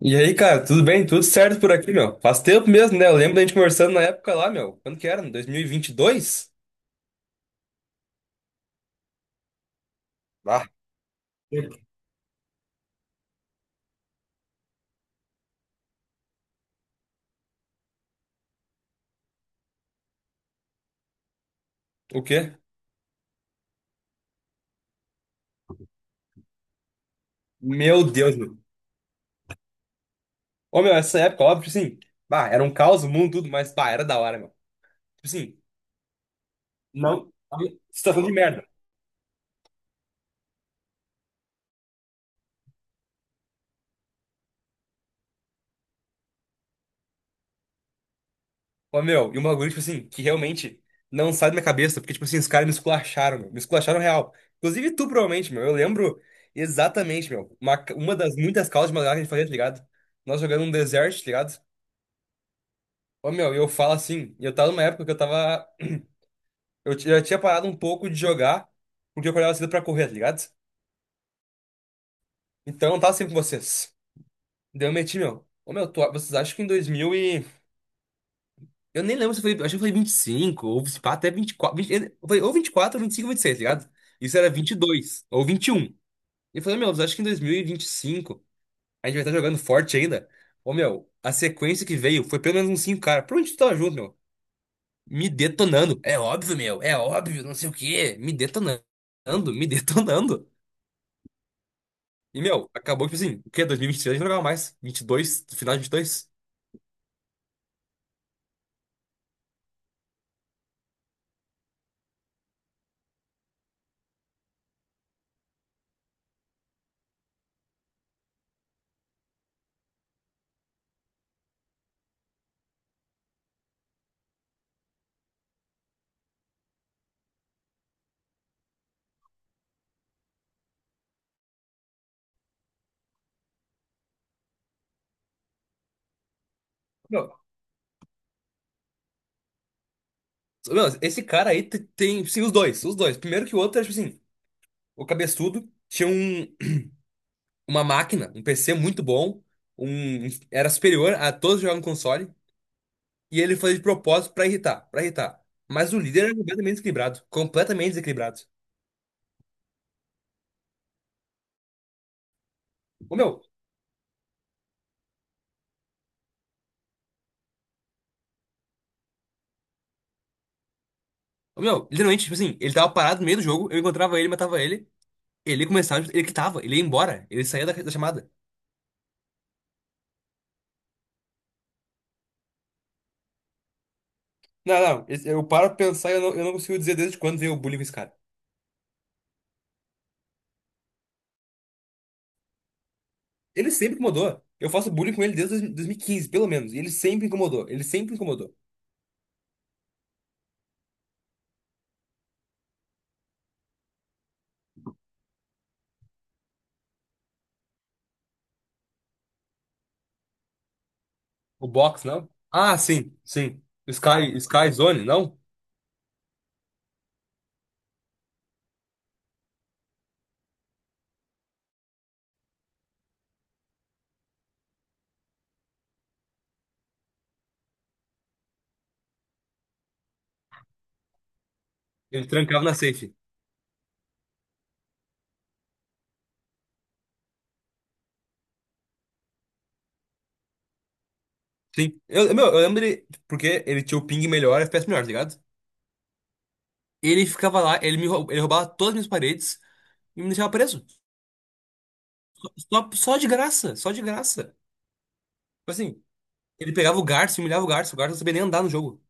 E aí, cara, tudo bem? Tudo certo por aqui, meu? Faz tempo mesmo, né? Eu lembro da gente conversando na época lá, meu. Quando que era? 2022? Ah. O quê? Meu Deus, meu. Ô, meu, essa época, óbvio, tipo assim, bah, era um caos, o mundo, tudo, mas, bah, era da hora, meu. Tipo assim, não, situação de merda. Ô, meu, e um bagulho, tipo assim, que realmente não sai da minha cabeça, porque, tipo assim, os caras me esculacharam, meu, me esculacharam real. Inclusive tu, provavelmente, meu, eu lembro exatamente, meu, uma das muitas causas de madrugada que a gente fazia, tá ligado? Nós jogando um deserto, tá ligado? Ô, meu, eu falo assim, eu tava numa época que eu tava. Eu tinha parado um pouco de jogar, porque eu acordava cedo pra correr, tá ligado? Então eu não tava sempre com vocês. Daí eu meti, meu. Ô, meu, vocês acham que em 2000 e. Eu nem lembro se foi. Acho que foi 25 ou se pá, até 24, 20 eu falei, ou 24, ou 25, ou 26, tá ligado? Isso era 22 ou vinte e um. E eu falei, meu, vocês acham que em dois mil e vinte e cinco a gente vai estar jogando forte ainda? Ô, meu, a sequência que veio foi pelo menos uns 5, caras. Por onde tu tava junto, meu? Me detonando. É óbvio, meu, é óbvio, não sei o quê. Me detonando, me detonando. E, meu, acabou que, assim, o quê? 2023 eu não jogava mais. 22, final de 22. Meu, meu, esse cara aí tem, sim, os dois, os dois. Primeiro que o outro, tipo assim, o cabeçudo tinha uma máquina, um PC muito bom, um, era superior a todos que jogavam no console, e ele fazia de propósito pra irritar, pra irritar. Mas o líder era completamente desequilibrado, completamente desequilibrado. Ô, meu, literalmente, tipo assim, ele tava parado no meio do jogo, eu encontrava ele, matava ele, ele começava, ele quitava, ele ia embora, ele saía da chamada. Não, não, eu paro pra pensar e eu não consigo dizer desde quando veio o bullying com esse cara. Ele sempre incomodou. Eu faço bullying com ele desde 2015, pelo menos. E ele sempre incomodou. Ele sempre incomodou. O box, não? Ah, sim, sim. Sky Zone, não? Ele trancava na safe. Sim. Eu lembro ele, porque ele tinha o ping melhor, FPS melhor, tá ligado? Ele ficava lá, ele roubava todas as minhas paredes e me deixava preso. Só de graça, só de graça. Tipo assim, ele pegava o Garça e humilhava o Garça. O Garça não sabia nem andar no jogo.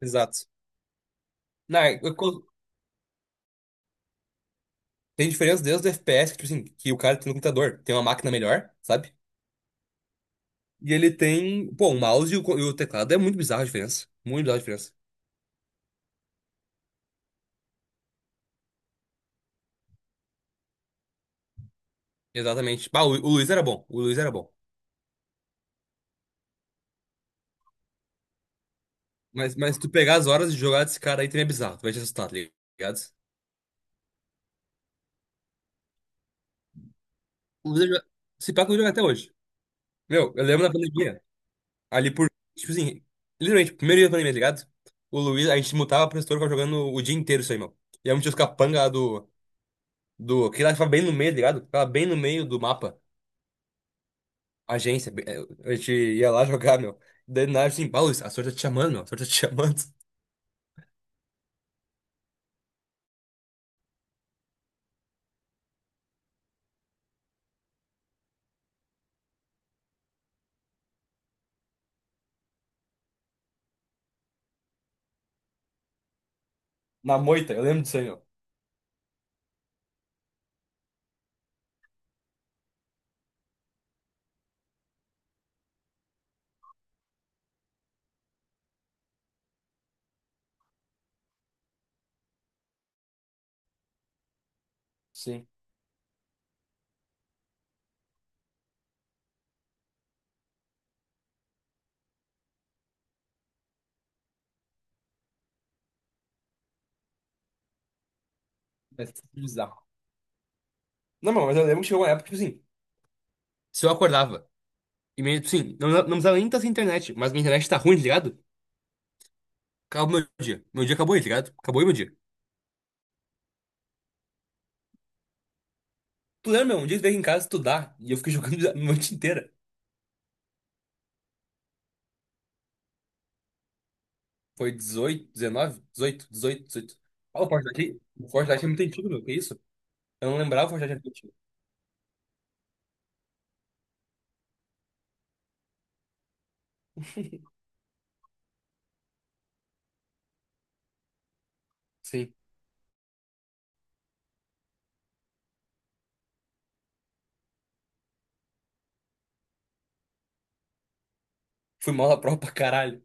Exato. Não, tem diferença desde o FPS, que, tipo assim, que o cara tem no computador, tem uma máquina melhor, sabe? E ele tem, pô, o mouse e o teclado. É muito bizarra a diferença. Muito bizarra a diferença. Exatamente. Bah, o Luiz era bom. O Luiz era bom. Mas tu pegar as horas de jogar desse cara aí também é bizarro. Tu vai te assustar, tá ligado? O Luiz, se pá, que o Luiz joga até hoje. Meu, eu lembro da pandemia. Ali por. Tipo assim, literalmente, primeiro dia da pandemia, tá ligado? O Luiz, a gente mutava pro setor, ficava jogando o dia inteiro isso aí, meu. E aí um tio capanga lá do que lá ficava bem no meio, tá ligado? Ficava bem no meio do mapa. Agência. A gente ia lá jogar, meu. Daí nada assim, pá, Luiz, a sorte tá te chamando, meu. A sorte tá te chamando. Na moita, eu lembro disso aí, meu. Sim. É bizarro. Não, meu, mas eu lembro que chegou uma época, tipo assim, se eu acordava. E meio, tipo assim, não, não precisava nem estar sem internet, mas minha internet tá ruim, tá ligado? Acabou meu dia. Meu dia acabou aí, tá ligado? Acabou aí meu dia. Tu lembra, meu? Um dia tu veio aqui em casa estudar e eu fiquei jogando a noite inteira. Foi 18, 19, 18, 18, 18. Ah, o Fortnite é muito antigo, meu. Que isso? Eu não lembrava o Fortnite era muito antigo. Sim. Fui mal na prova pra caralho.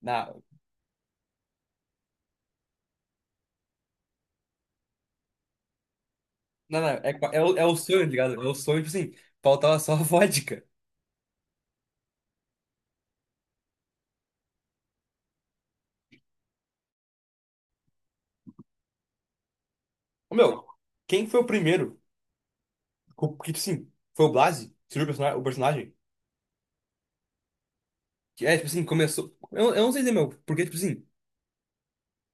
Não, não, não. É o sonho, tá ligado? É o sonho, tipo assim, faltava só a vodka. Ô, meu, quem foi o primeiro? Que, tipo assim, foi o Blasi? Surgiu o personagem? O personagem? Que é, tipo assim, começou. Eu não sei dizer, meu, porque, tipo assim,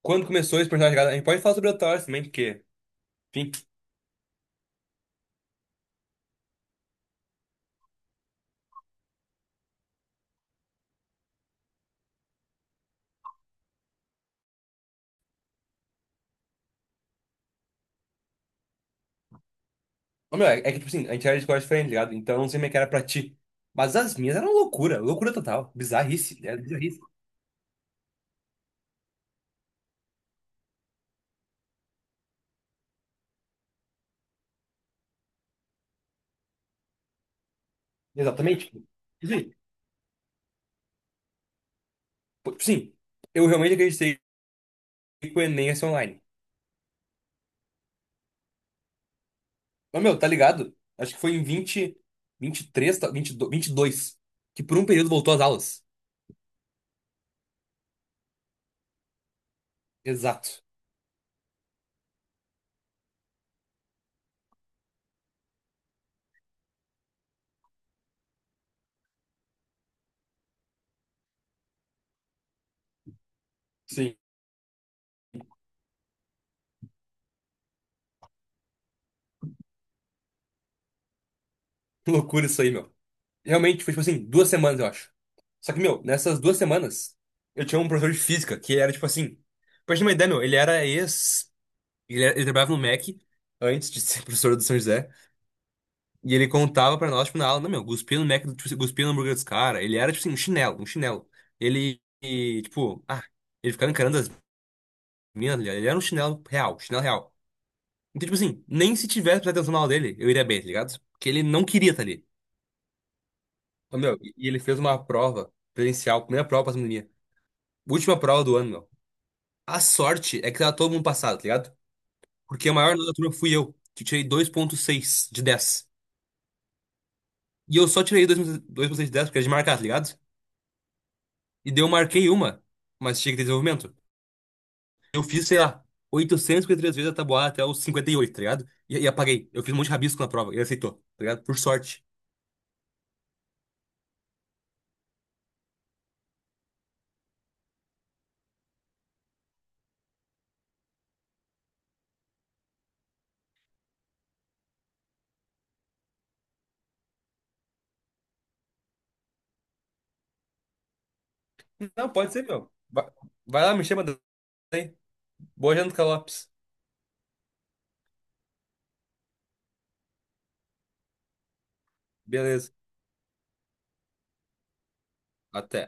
quando começou esse personagem, tá ligado? A gente pode falar sobre o Thor também, porque. Enfim. Ô, meu, é que, tipo assim, a gente era de escola diferente, tá ligado? Então, eu não sei como é que era pra ti. Mas as minhas eram loucura, loucura total. Bizarrice, era bizarrice. Exatamente. Tipo, isso aí. Pô, tipo assim, eu realmente acreditei que o Enem ia ser online. Mas, meu, tá ligado? Acho que foi em 22, dois vinte e dois, que por um período voltou às aulas. Exato. Sim. Loucura isso aí, meu. Realmente, foi, tipo assim, 2 semanas, eu acho. Só que, meu, nessas 2 semanas, eu tinha um professor de física que era, tipo assim... Pra gente ter uma ideia, meu. Ele era ex Ele, era- ele trabalhava no Mac antes de ser professor do São José. E ele contava pra nós, tipo, na aula, não, meu, cuspia no Mac, tipo, cuspia no hambúrguer dos caras. Ele era, tipo assim, um chinelo, um chinelo. Tipo, ele ficava encarando as minas, tá ligado? Ele era um chinelo real, chinelo real. Então, tipo assim, nem se tivesse prestado atenção na aula dele, eu iria bem, tá ligado? Porque ele não queria estar ali. Então, meu, e ele fez uma prova presencial, primeira prova pra pandemia. Última prova do ano, meu. A sorte é que tava todo mundo passado, tá ligado? Porque a maior nota da turma fui eu, que tirei 2,6 de dez. E eu só tirei dois por cento de 10 porque era de marcar, tá ligado? E daí eu marquei uma, mas tinha que ter desenvolvimento. Eu fiz, sei lá, 853 vezes a tabuada até os 58, tá ligado? E apaguei. Eu fiz um monte de rabisco na prova, ele aceitou, tá ligado? Por sorte. Não, pode ser, meu. Vai lá, me chama daí. Boa janta, Lopes. Beleza. Até.